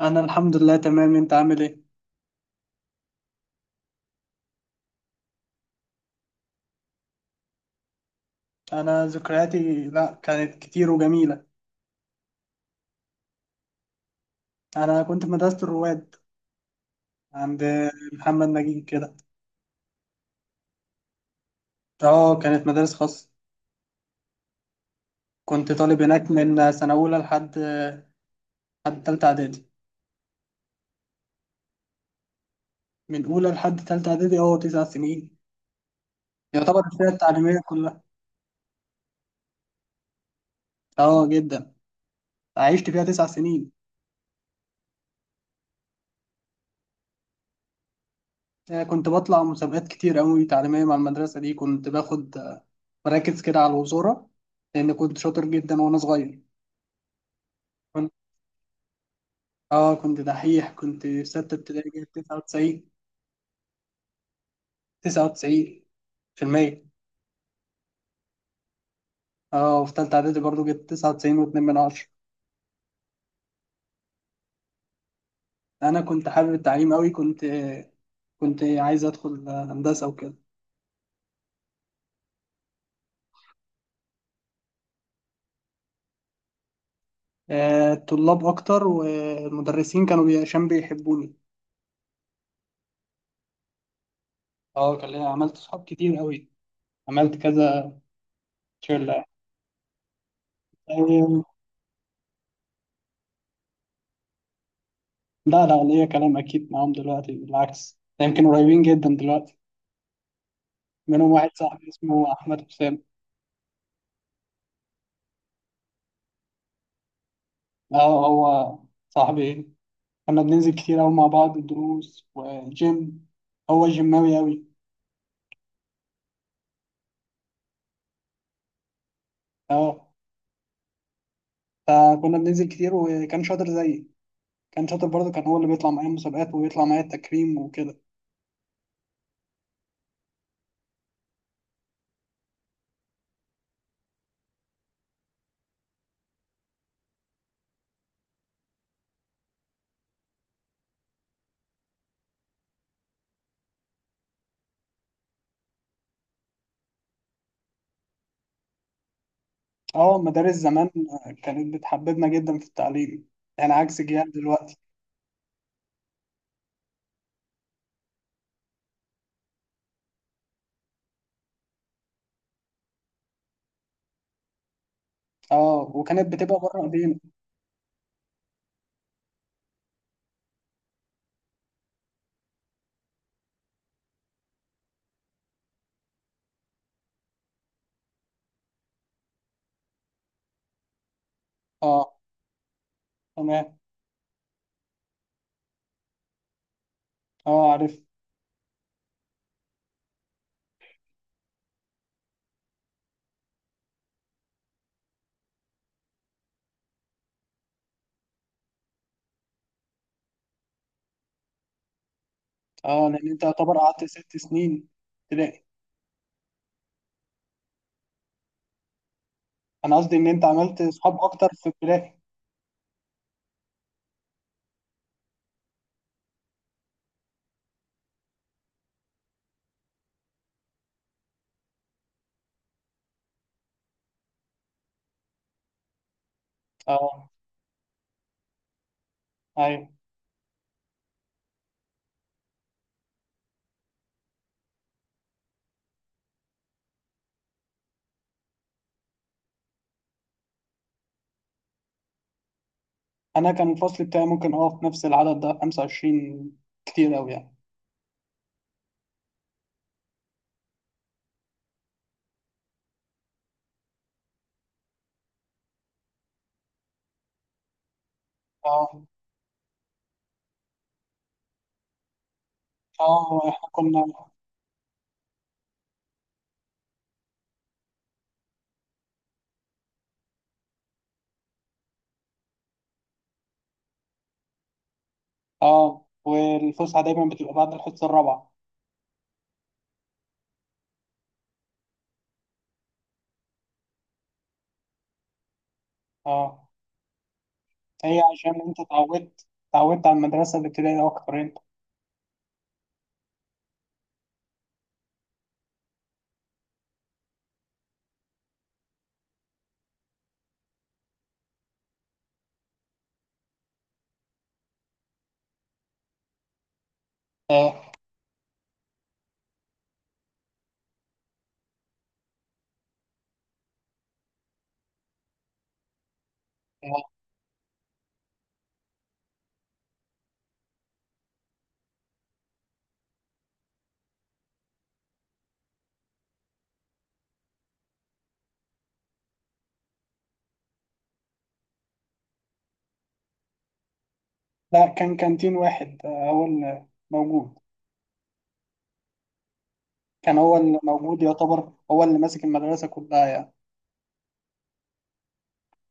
انا الحمد لله تمام، انت عامل ايه؟ انا ذكرياتي لا كانت كتير وجميله. انا كنت في مدرسه الرواد عند محمد نجيب كده. اه، كانت مدارس خاصه. كنت طالب هناك من سنه اولى لحد تالته اعدادي. من اولى لحد تالته اعدادي، اه، تسع سنين. يعتبر الفئه التعليميه كلها. اه، جدا. عشت فيها تسع سنين. كنت بطلع مسابقات كتير قوي تعليميه مع المدرسه دي، كنت باخد مراكز كده على الوزاره، لان كنت شاطر جدا وانا صغير. اه، كنت دحيح، كنت في ستة ابتدائي جايب تسعة وتسعين. تسعة وتسعين في المية. اه، وفي تالتة إعدادي برضو جبت تسعة وتسعين واتنين من عشرة. أنا كنت حابب التعليم أوي، كنت عايز أدخل هندسة وكده. الطلاب أكتر، والمدرسين كانوا عشان بيحبوني. اه، كان ليا، عملت صحاب كتير أوي، عملت كذا شلة. آه، لا لا، ليا كلام أكيد معاهم دلوقتي، بالعكس ده يمكن قريبين جدا دلوقتي. منهم واحد صاحبي اسمه أحمد حسام. اه، هو صاحبي. كنا بننزل كتير أوي مع بعض الدروس والجيم. هو جيماوي أوي. اه، فكنا بننزل كتير، وكان شاطر زيي. كان شاطر برضه، كان هو اللي بيطلع معايا المسابقات وبيطلع معايا التكريم وكده. اه، مدارس زمان كانت بتحببنا جدا في التعليم، يعني عكس جيال دلوقتي. اه، وكانت بتبقى بره ايدينا. اه، تمام. اه، عارف. اه، لأن أنت يعتبر قعدت ست سنين ابتدائي. أنا قصدي إن أنت عملت صحاب أكتر في ابتدائي. اه، أيوه. انا كان الفصل بتاعي ممكن في نفس العدد ده، 25، كتير قوي يعني. اه، اه، احنا كنا اه والفسحه دايما بتبقى بعد الحصه الرابعه. اه، هي عشان انت اتعودت على المدرسه الابتدائيه اكتر انت. اه. اه، لا، كان كانتين واحد، هو اللي موجود. كان هو اللي موجود، يعتبر هو اللي ماسك المدرسه كلها يعني.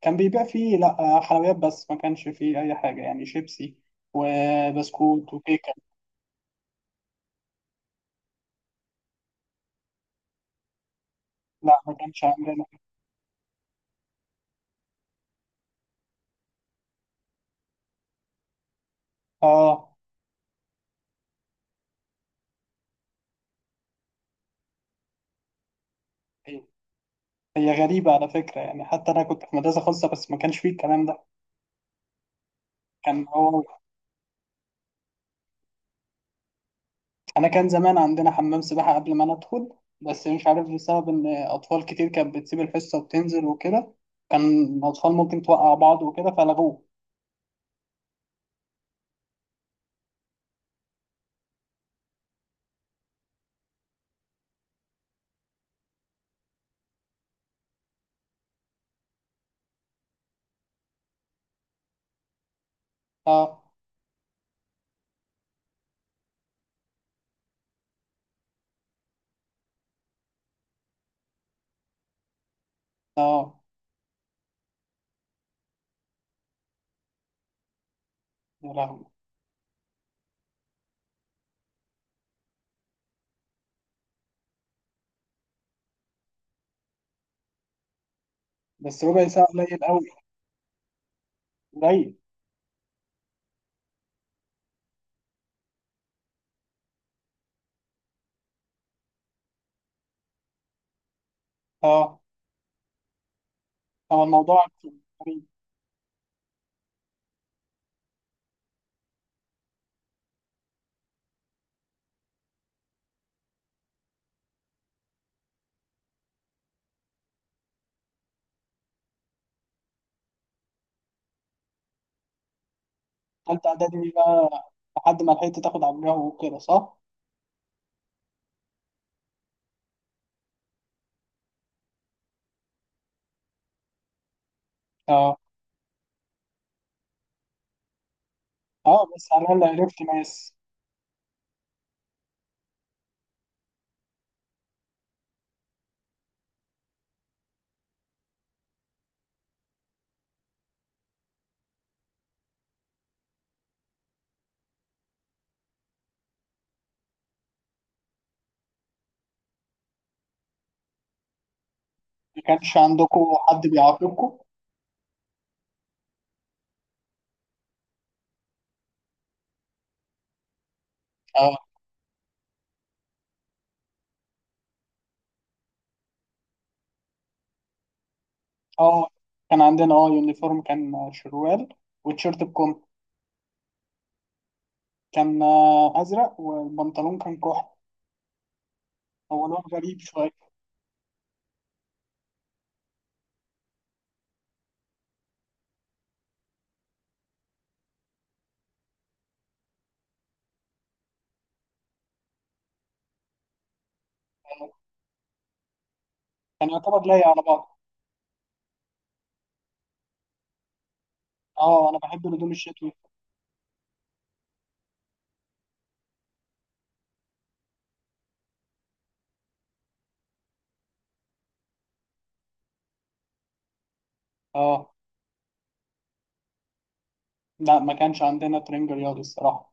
كان بيبيع فيه، لا، حلويات بس، ما كانش فيه اي حاجه، يعني شيبسي وبسكوت وكيكه. لا، ما كانش عندنا. اه، هي غريبة على فكرة، يعني حتى أنا كنت في مدرسة خاصة بس ما كانش فيه الكلام ده. كان هو. أنا كان زمان عندنا حمام سباحة قبل ما أنا أدخل، بس مش عارف، بسبب إن أطفال كتير كانت بتسيب الحصة وتنزل وكده، كان الأطفال ممكن توقع بعض وكده فلغوه. أه. أه. يا لهوي. بس ربع ساعة قليل أوي. قليل. أه، هو الموضوع كان غريب. تالتة إعدادي بقى. لحد ما لحقت تاخد على الجو وكده صح؟ أه. أه، بس على الأقل عرفت ناس. ما كانش عندكم حد بيعاقبكم؟ اه، كان عندنا يونيفورم، كان شروال والتيشيرت بكم. كان ازرق، والبنطلون كان كحل. هو لون غريب شويه. كان يعتبر لايق على بعض. اه، انا بحب الهدوم الشتوي. اه، لا، ما كانش عندنا ترنج رياضي الصراحه.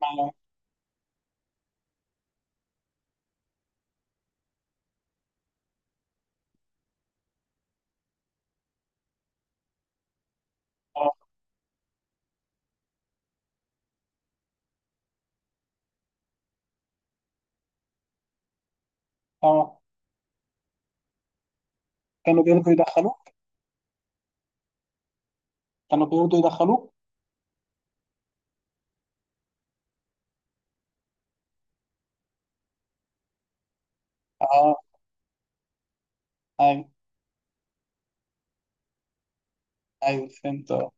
ما- اه. آه. كانوا بيرضوا يدخلوه. كانوا بيرضوا يدخلوه. اه، ايوه ايوه فهمت اه.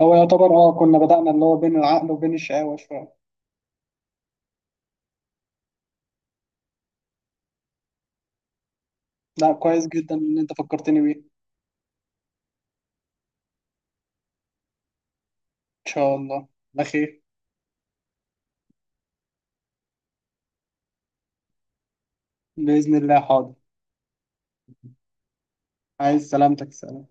هو يعتبر كنا بدأنا اللي هو بين العقل وبين الشقاوة شوية. لا، كويس جدا ان انت فكرتني بيه. ان شاء الله على خير. بإذن الله، حاضر. عايز سلامتك. سلام.